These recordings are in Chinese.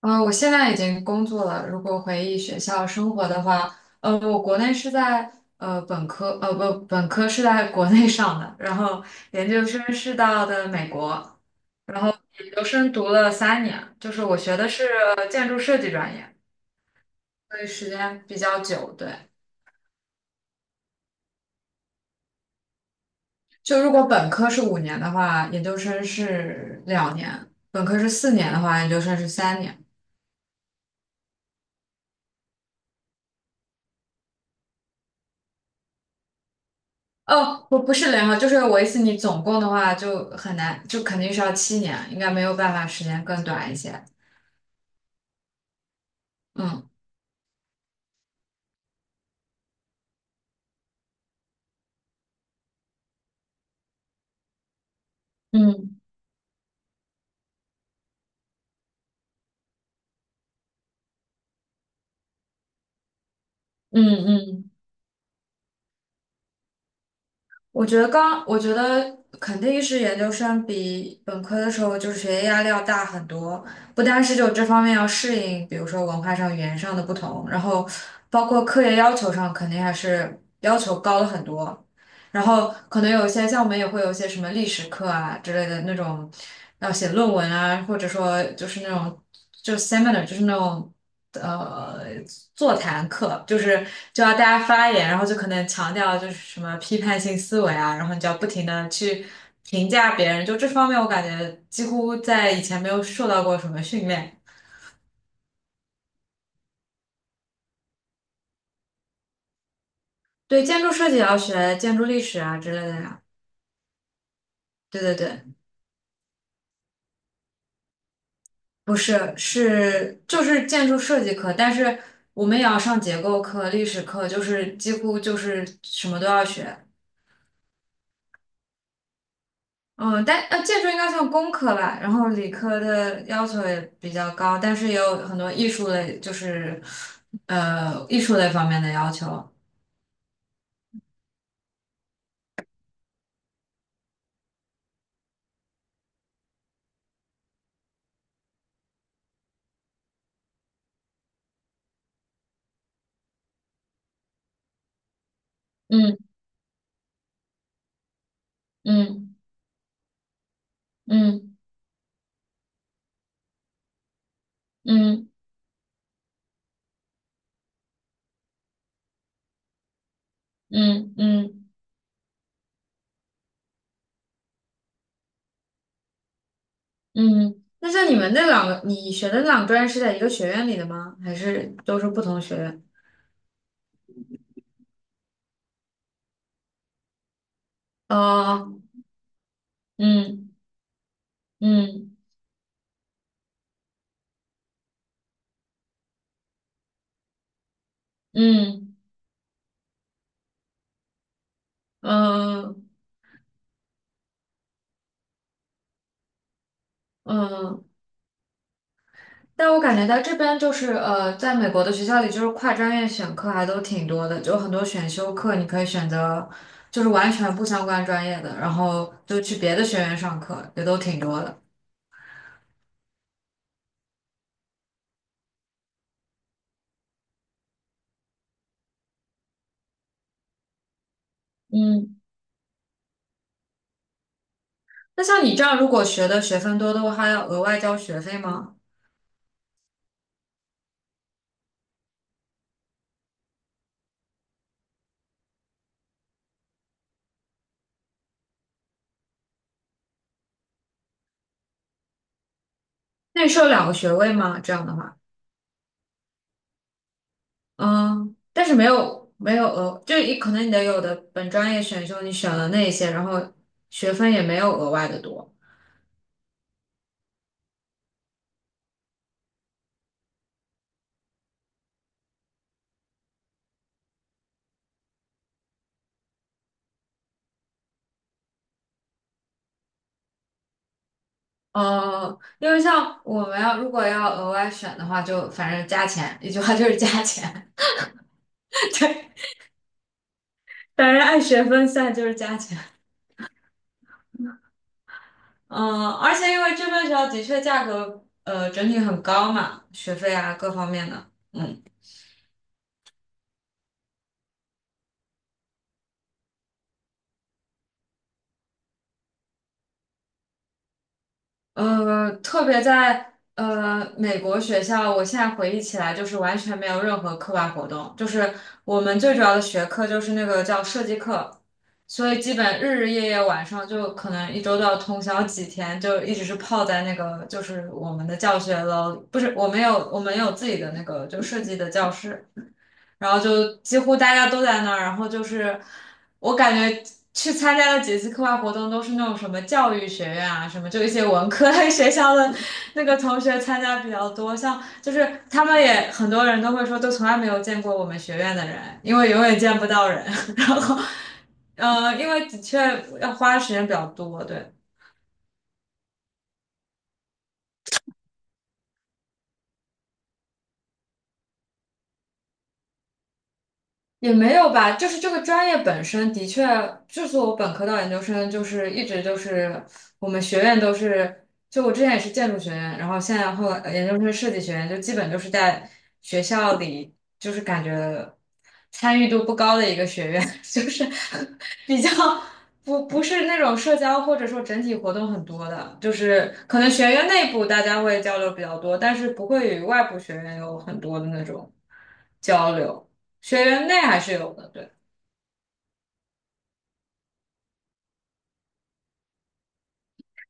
嗯，我现在已经工作了。如果回忆学校生活的话，我国内是在本科，呃不，本科是在国内上的，然后研究生是到的美国，然后研究生读了三年，就是我学的是建筑设计专业，所以时间比较久。对，就如果本科是5年的话，研究生是2年；本科是4年的话，研究生是三年。哦，不是零号，就是我意思，你总共的话就很难，就肯定是要7年，应该没有办法时间更短一些。嗯嗯嗯嗯，我觉得肯定是研究生比本科的时候就是学业压力要大很多，不单是就这方面要适应，比如说文化上、语言上的不同，然后包括课业要求上肯定还是要求高了很多。然后可能有一些像我们也会有一些什么历史课啊之类的那种，要写论文啊，或者说就是那种就是 seminar，就是那种呃座谈课，就是就要大家发言，然后就可能强调就是什么批判性思维啊，然后你就要不停的去评价别人，就这方面我感觉几乎在以前没有受到过什么训练。对，建筑设计也要学建筑历史啊之类的呀。对对对。不是，是就是建筑设计课，但是我们也要上结构课、历史课，就是几乎就是什么都要学。嗯，但建筑应该算工科吧，然后理科的要求也比较高，但是也有很多艺术类，就是艺术类方面的要求。嗯嗯嗯嗯嗯嗯嗯。那像你们那两个，你学的那两个专业是在一个学院里的吗？还是都是不同学院？哦，嗯嗯。嗯嗯嗯，但我感觉在这边就是在美国的学校里，就是跨专业选课还都挺多的，就很多选修课你可以选择，就是完全不相关专业的，然后就去别的学院上课，也都挺多的。嗯，那像你这样，如果学的学分多的话，还要额外交学费吗？那你是有两个学位吗？这样的话，嗯，但是没有额，就一可能你的有的本专业选修你选了那一些，然后学分也没有额外的多。因为像我们要如果要额外选的话，就反正加钱，一句话就是加钱。对，反正按学分算就是加钱。嗯、而且因为这边学校的确价格整体很高嘛，学费啊各方面的。嗯。特别在美国学校，我现在回忆起来，就是完全没有任何课外活动，就是我们最主要的学科就是那个叫设计课，所以基本日日夜夜晚上就可能一周都要通宵几天，就一直是泡在那个就是我们的教学楼，不是我们有自己的那个就设计的教室，然后就几乎大家都在那儿，然后就是我感觉去参加的几次课外活动都是那种什么教育学院啊，什么就一些文科类 学校的那个同学参加比较多，像就是他们也很多人都会说，都从来没有见过我们学院的人，因为永远见不到人，然后。因为的确要花的时间比较多，对。也没有吧，就是这个专业本身的确，就是我本科到研究生，就是一直就是我们学院都是，就我之前也是建筑学院，然后现在后来研究生设计学院，就基本就是在学校里，就是感觉参与度不高的一个学院，就是比较不是那种社交或者说整体活动很多的，就是可能学院内部大家会交流比较多，但是不会与外部学院有很多的那种交流。学员内还是有的，对，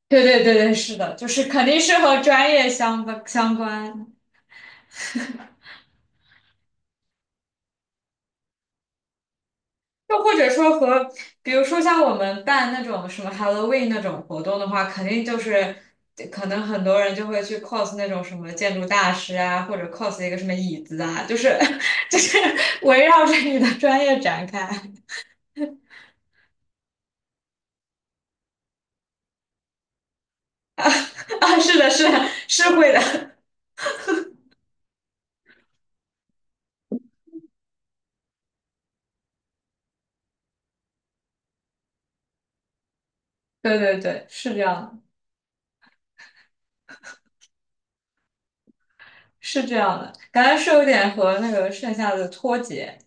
对对对对，是的，就是肯定是和专业相关相关，又或者说和，比如说像我们办那种什么 Halloween 那种活动的话，肯定就是可能很多人就会去 cos 那种什么建筑大师啊，或者 cos 一个什么椅子啊，就是 就是围绕着你的专业展开 啊，是的，是的，是会的，对对对，是这样的，是这样的，感觉是有点和那个剩下的脱节。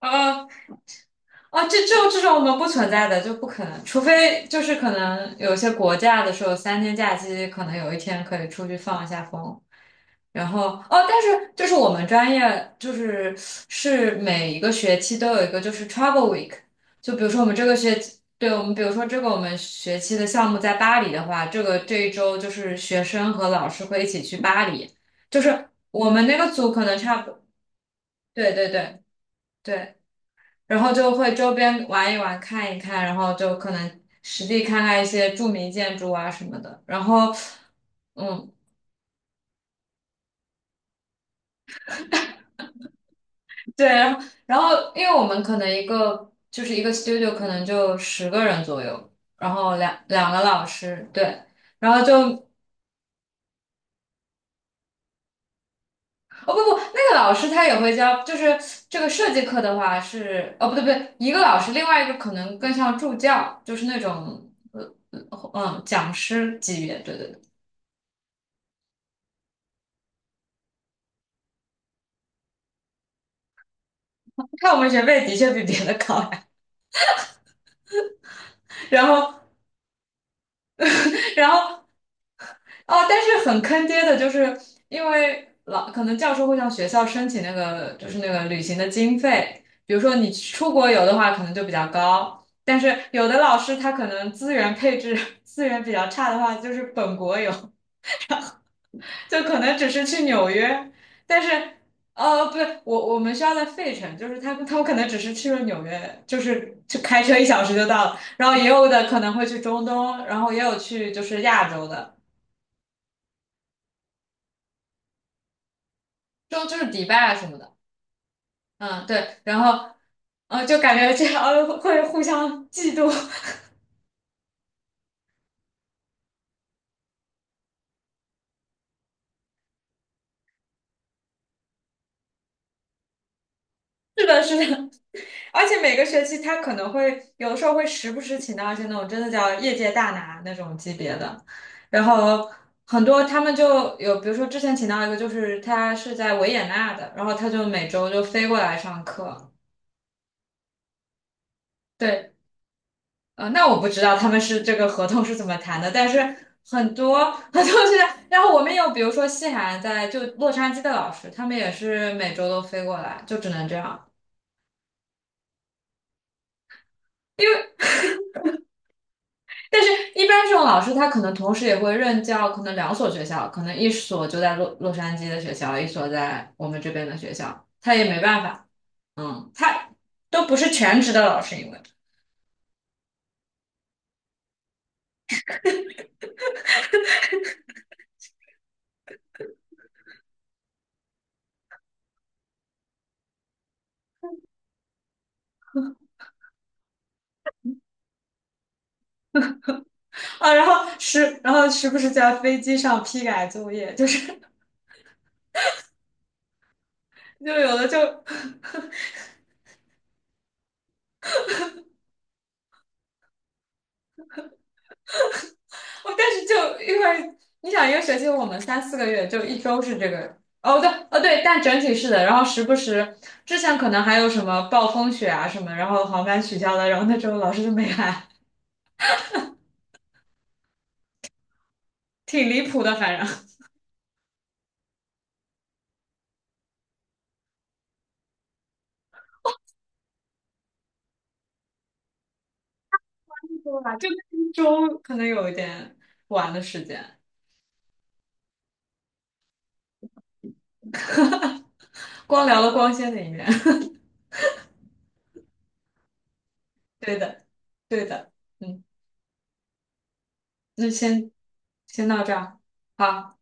啊。啊，这种我们不存在的就不可能，除非就是可能有些国家的时候，3天假期可能有一天可以出去放一下风。然后哦，但是就是我们专业就是每一个学期都有一个就是 travel week，就比如说我们这个学期，对我们比如说这个我们学期的项目在巴黎的话，这一周就是学生和老师会一起去巴黎，就是我们那个组可能差不多对对对。对然后就会周边玩一玩、看一看，然后就可能实地看看一些著名建筑啊什么的。然后，嗯，对，然后因为我们可能一个 studio 可能就10个人左右，然后两个老师，对，然后就哦不不，那个老师他也会教，就是这个设计课的话是哦不对不对，一个老师，另外一个可能更像助教，就是那种讲师级别，对对对。看我们学费的确比别的高，然后，然后,哦，但是很坑爹的，就是因为可能教授会向学校申请那个，就是那个旅行的经费。比如说你出国游的话，可能就比较高，但是有的老师他可能资源配置 资源比较差的话，就是本国游，就可能只是去纽约，但是。不对，我们学校在费城，就是他们可能只是去了纽约，就是就开车1小时就到了，然后也有的可能会去中东，然后也有去就是亚洲的，就是迪拜啊什么的，嗯，对，然后，就感觉这样会互相嫉妒，是的，是的，而且每个学期他可能会有的时候会时不时请到一些那种真的叫业界大拿那种级别的，然后很多他们就有，比如说之前请到一个就是他是在维也纳的，然后他就每周就飞过来上课，对。那我不知道他们是这个合同是怎么谈的，但是很多 很多现在，然后我们有比如说西海岸在就洛杉矶的老师，他们也是每周都飞过来，就只能这样。但是，一般这种老师他可能同时也会任教，可能两所学校，可能一所就在洛杉矶的学校，一所在我们这边的学校，他也没办法，嗯，他都不是全职的老师，因为啊，然后时不时在飞机上批改作业，就是 就有的就。哦，但是就因为你想一个学期我们三四个月，就一周是这个。哦，对，哦对，但整体是的。然后时不时之前可能还有什么暴风雪啊什么，然后航班取消了，然后那周老师就没来，挺离谱的。反正 对吧？就周可能有一点晚的时间，光聊了光鲜的一面。对的，对的，嗯，那先到这儿，好。